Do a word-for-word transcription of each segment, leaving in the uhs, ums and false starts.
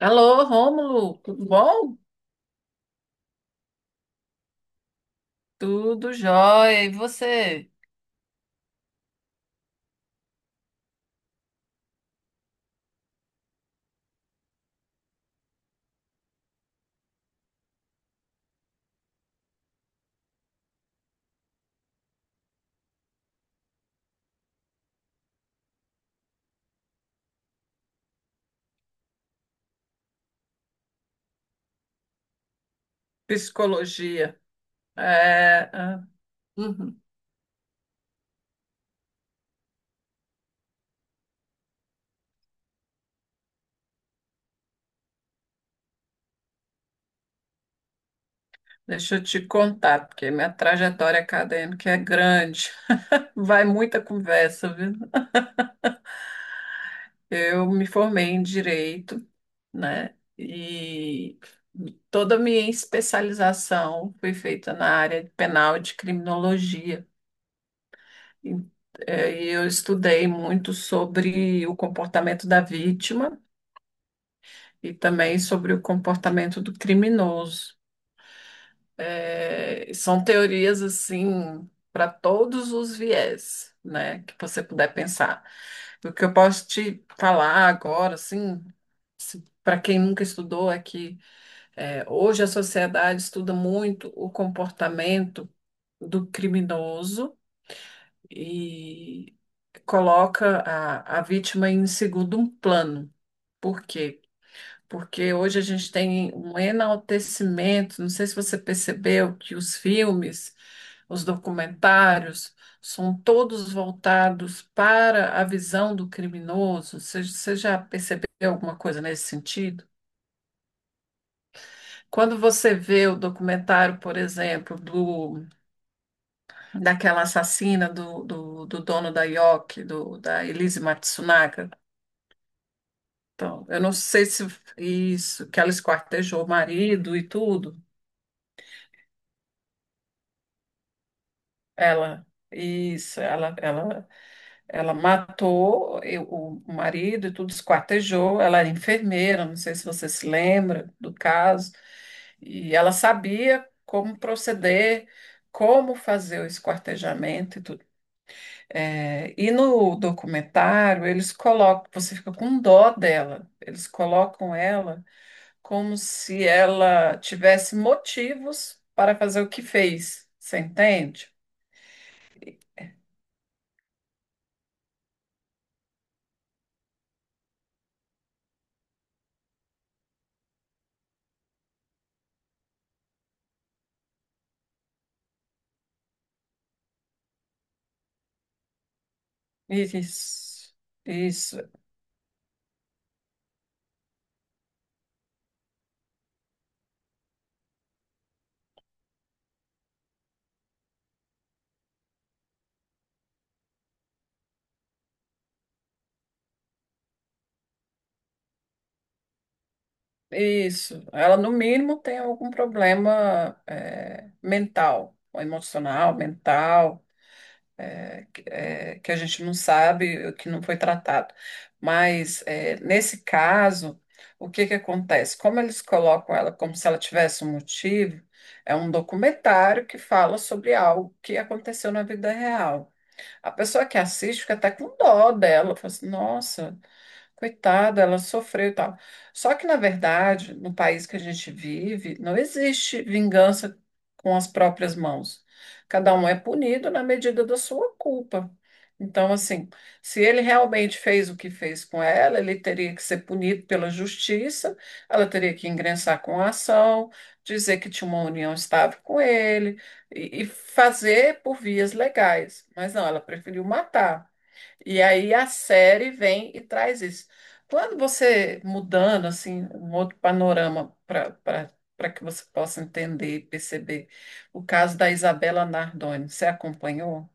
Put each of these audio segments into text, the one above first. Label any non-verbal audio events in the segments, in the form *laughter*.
Alô, Rômulo, tudo bom? Tudo jóia. E você? Psicologia. É, ah, uhum. Deixa eu te contar, porque minha trajetória acadêmica é grande. *laughs* Vai muita conversa, viu? Eu me formei em direito, né? E toda a minha especialização foi feita na área de penal e de criminologia. E eh, eu estudei muito sobre o comportamento da vítima e também sobre o comportamento do criminoso. É, são teorias assim para todos os viés, né, que você puder pensar. O que eu posso te falar agora, assim, para quem nunca estudou, é que é, hoje a sociedade estuda muito o comportamento do criminoso e coloca a, a vítima em segundo plano. Por quê? Porque hoje a gente tem um enaltecimento. Não sei se você percebeu que os filmes, os documentários, são todos voltados para a visão do criminoso. Você, você já percebeu alguma coisa nesse sentido? Quando você vê o documentário, por exemplo, do, daquela assassina do, do, do dono da Yoki, do, da Elise Matsunaga, então, eu não sei se isso, que ela esquartejou o marido e tudo. Ela, isso, ela, ela, ela matou eu- o marido e tudo, esquartejou. Ela era enfermeira, não sei se você se lembra do caso. E ela sabia como proceder, como fazer o esquartejamento e tudo. É, e no documentário, eles colocam, você fica com dó dela, eles colocam ela como se ela tivesse motivos para fazer o que fez, você entende? Isso, isso, isso. Ela, no mínimo, tem algum problema é, mental, ou emocional, mental, que é, que a gente não sabe, eh, que não foi tratado. Mas, é, nesse caso, o que que acontece? Como eles colocam ela como se ela tivesse um motivo, é um documentário que fala sobre algo que aconteceu na vida real. A pessoa que assiste fica até com dó dela, fala assim, nossa. Coitada, ela sofreu e tal. Só que, na verdade, no país que a gente vive, não existe vingança com as próprias mãos. Cada um é punido na medida da sua culpa. Então, assim, se ele realmente fez o que fez com ela, ele teria que ser punido pela justiça, ela teria que ingressar com a ação, dizer que tinha uma união estável com ele e, e fazer por vias legais. Mas não, ela preferiu matar. E aí a série vem e traz isso. Quando você mudando assim um outro panorama para para que você possa entender e perceber o caso da Isabela Nardoni, você acompanhou?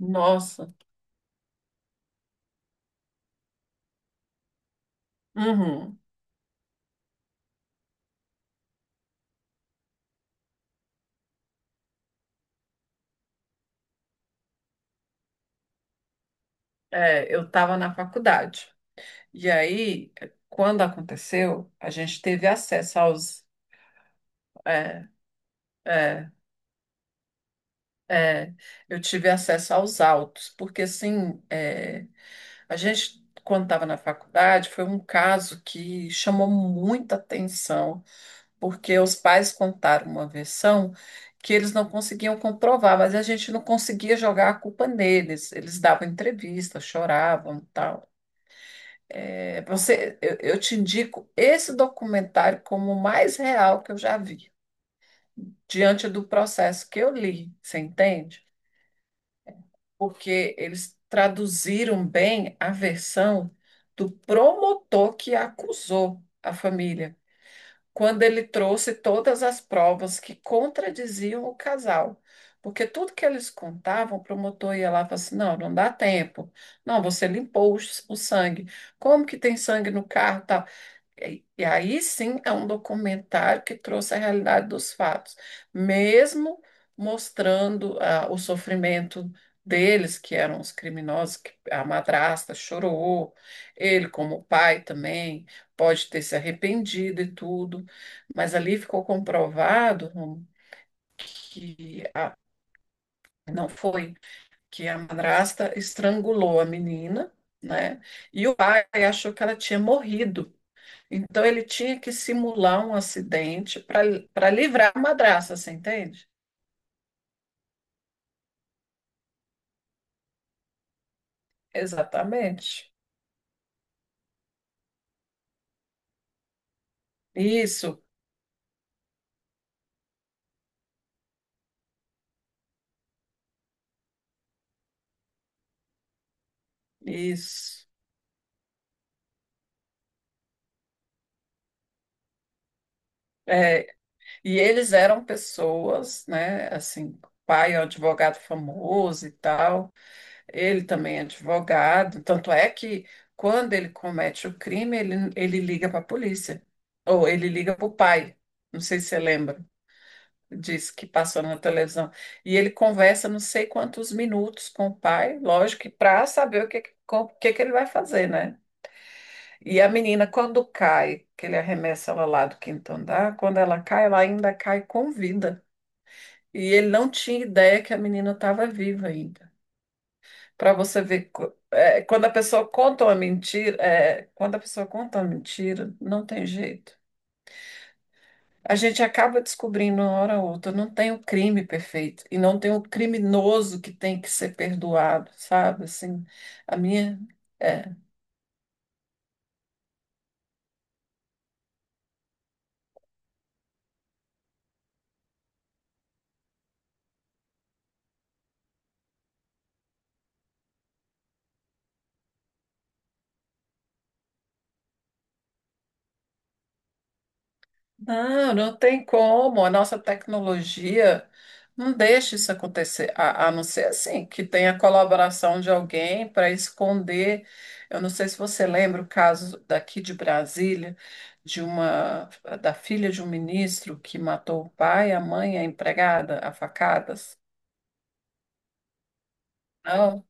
Nossa. Uhum. É, eu estava na faculdade. E aí, quando aconteceu, a gente teve acesso aos. É, eu tive acesso aos autos, porque assim, é, a gente, quando estava na faculdade, foi um caso que chamou muita atenção, porque os pais contaram uma versão que eles não conseguiam comprovar, mas a gente não conseguia jogar a culpa neles. Eles davam entrevista, choravam, e tal. É, você, eu, eu te indico esse documentário como o mais real que eu já vi, diante do processo que eu li, você entende? Porque eles traduziram bem a versão do promotor que acusou a família, quando ele trouxe todas as provas que contradiziam o casal. Porque tudo que eles contavam, o promotor ia lá e falava assim: não, não dá tempo. Não, você limpou o, s- o sangue. Como que tem sangue no carro? Tal? E e aí sim é um documentário que trouxe a realidade dos fatos, mesmo mostrando ah, o sofrimento deles, que eram os criminosos, que a madrasta chorou, ele como pai também pode ter se arrependido e tudo, mas ali ficou comprovado Rômulo, que a- não foi, que a madrasta estrangulou a menina, né? E o pai achou que ela tinha morrido. Então ele tinha que simular um acidente para para livrar a madraça, você entende? Exatamente. Isso, isso. É, e eles eram pessoas, né? Assim, o pai é um advogado famoso e tal, ele também é advogado. Tanto é que quando ele comete o crime, ele, ele liga para a polícia, ou ele liga para o pai. Não sei se você lembra. Disse que passou na televisão. E ele conversa não sei quantos minutos com o pai, lógico, que para saber o que, que- com- o que, que ele vai fazer, né? E a menina, quando cai, que ele arremessa ela lá do quinto andar, quando ela cai, ela ainda cai com vida. E ele não tinha ideia que a menina estava viva ainda. Para você ver, co- é, quando a pessoa conta uma mentira, é, quando a pessoa conta uma mentira, não tem jeito. A gente acaba descobrindo uma hora ou outra, não tem o crime perfeito e não tem o criminoso que tem que ser perdoado, sabe? Assim, a minha é, não, não tem como. A nossa tecnologia não deixa isso acontecer, a, a não ser assim, que tenha colaboração de alguém para esconder. Eu não sei se você lembra o caso daqui de Brasília, de uma da filha de um ministro que matou o pai, a mãe, e a empregada, a facadas. Não.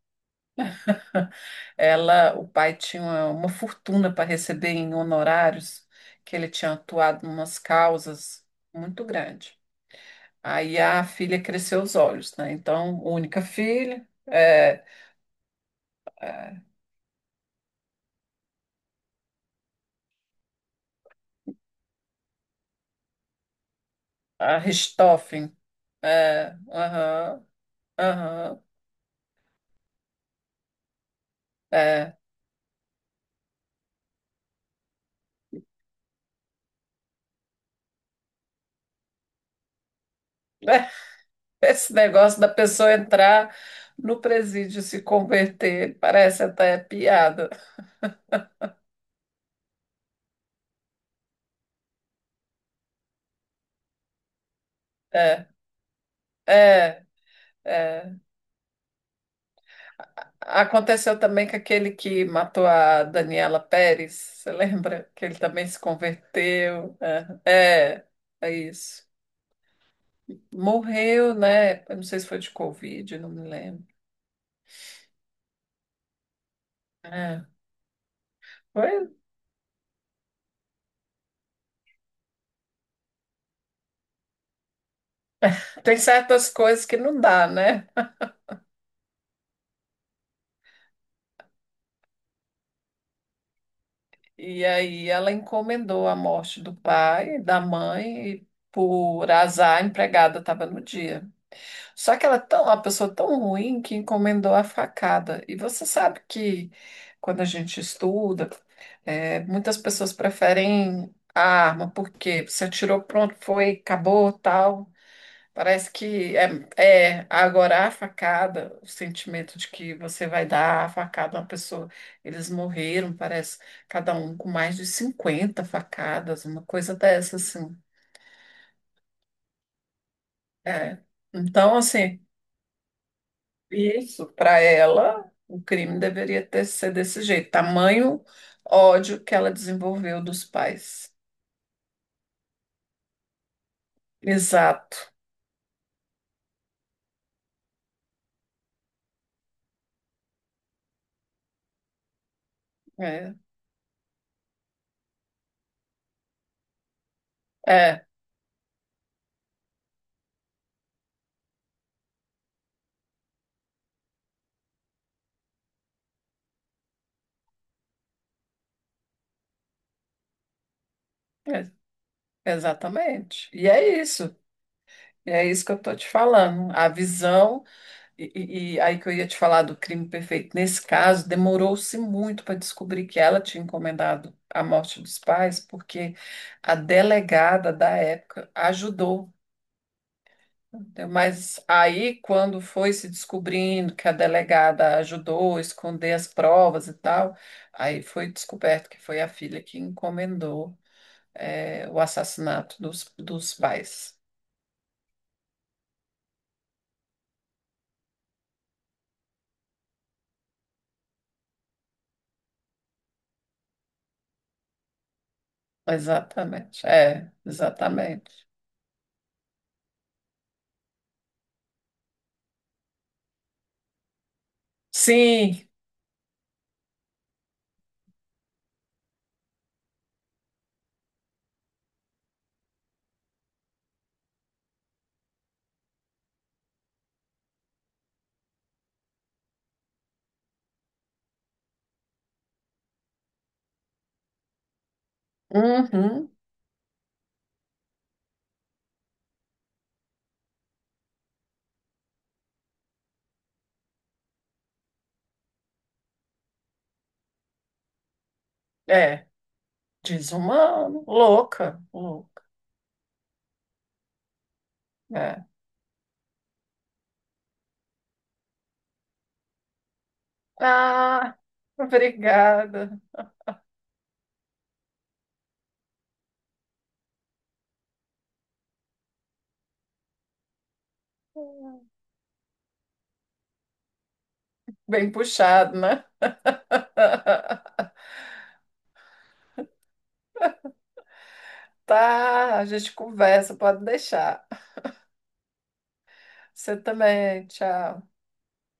Ela, o pai tinha uma, uma fortuna para receber em honorários, que ele tinha atuado em umas causas muito grande. Aí a filha cresceu os olhos, né? Então, única filha, é, é, a Richthofen, é, aham, aham, é. *laughs* Esse negócio da pessoa entrar no presídio e se converter, parece até piada. É, é, é. Aconteceu também com aquele que matou a Daniela Pérez, você lembra? Que ele também se converteu. É, é, é isso. Morreu, né? Eu não sei se foi de Covid, não me lembro. É, foi- tem certas coisas que não dá, né? E aí ela encomendou a morte do pai, da mãe, e por azar a empregada estava no dia. Só que ela é tão, uma pessoa tão ruim que encomendou a facada. E você sabe que quando a gente estuda, é, muitas pessoas preferem a arma, porque você atirou, pronto, foi, acabou, tal. Parece que é, é agora a facada, o sentimento de que você vai dar a facada a uma pessoa. Eles morreram, parece, cada um com mais de cinquenta facadas, uma coisa dessa, assim. É. Então, assim. Isso, para ela, o crime deveria ter ser desse jeito, tamanho ódio que ela desenvolveu dos pais. Exato. É, é, é, exatamente. E é isso. E é isso que eu estou te falando. A visão, e, e- e aí que eu ia te falar do crime perfeito. Nesse caso, demorou-se muito para descobrir que ela tinha encomendado a morte dos pais, porque a delegada da época ajudou. Então, mas aí, quando foi se descobrindo que a delegada ajudou a esconder as provas e tal, aí foi descoberto que foi a filha que encomendou, eh, o assassinato dos, dos pais. Exatamente, é, exatamente. Sim, uhum, é, desumano, louca, louca, é. Ah, obrigada. Bem puxado, né? *laughs* Tá, a gente conversa, pode deixar. Você também. Tchau.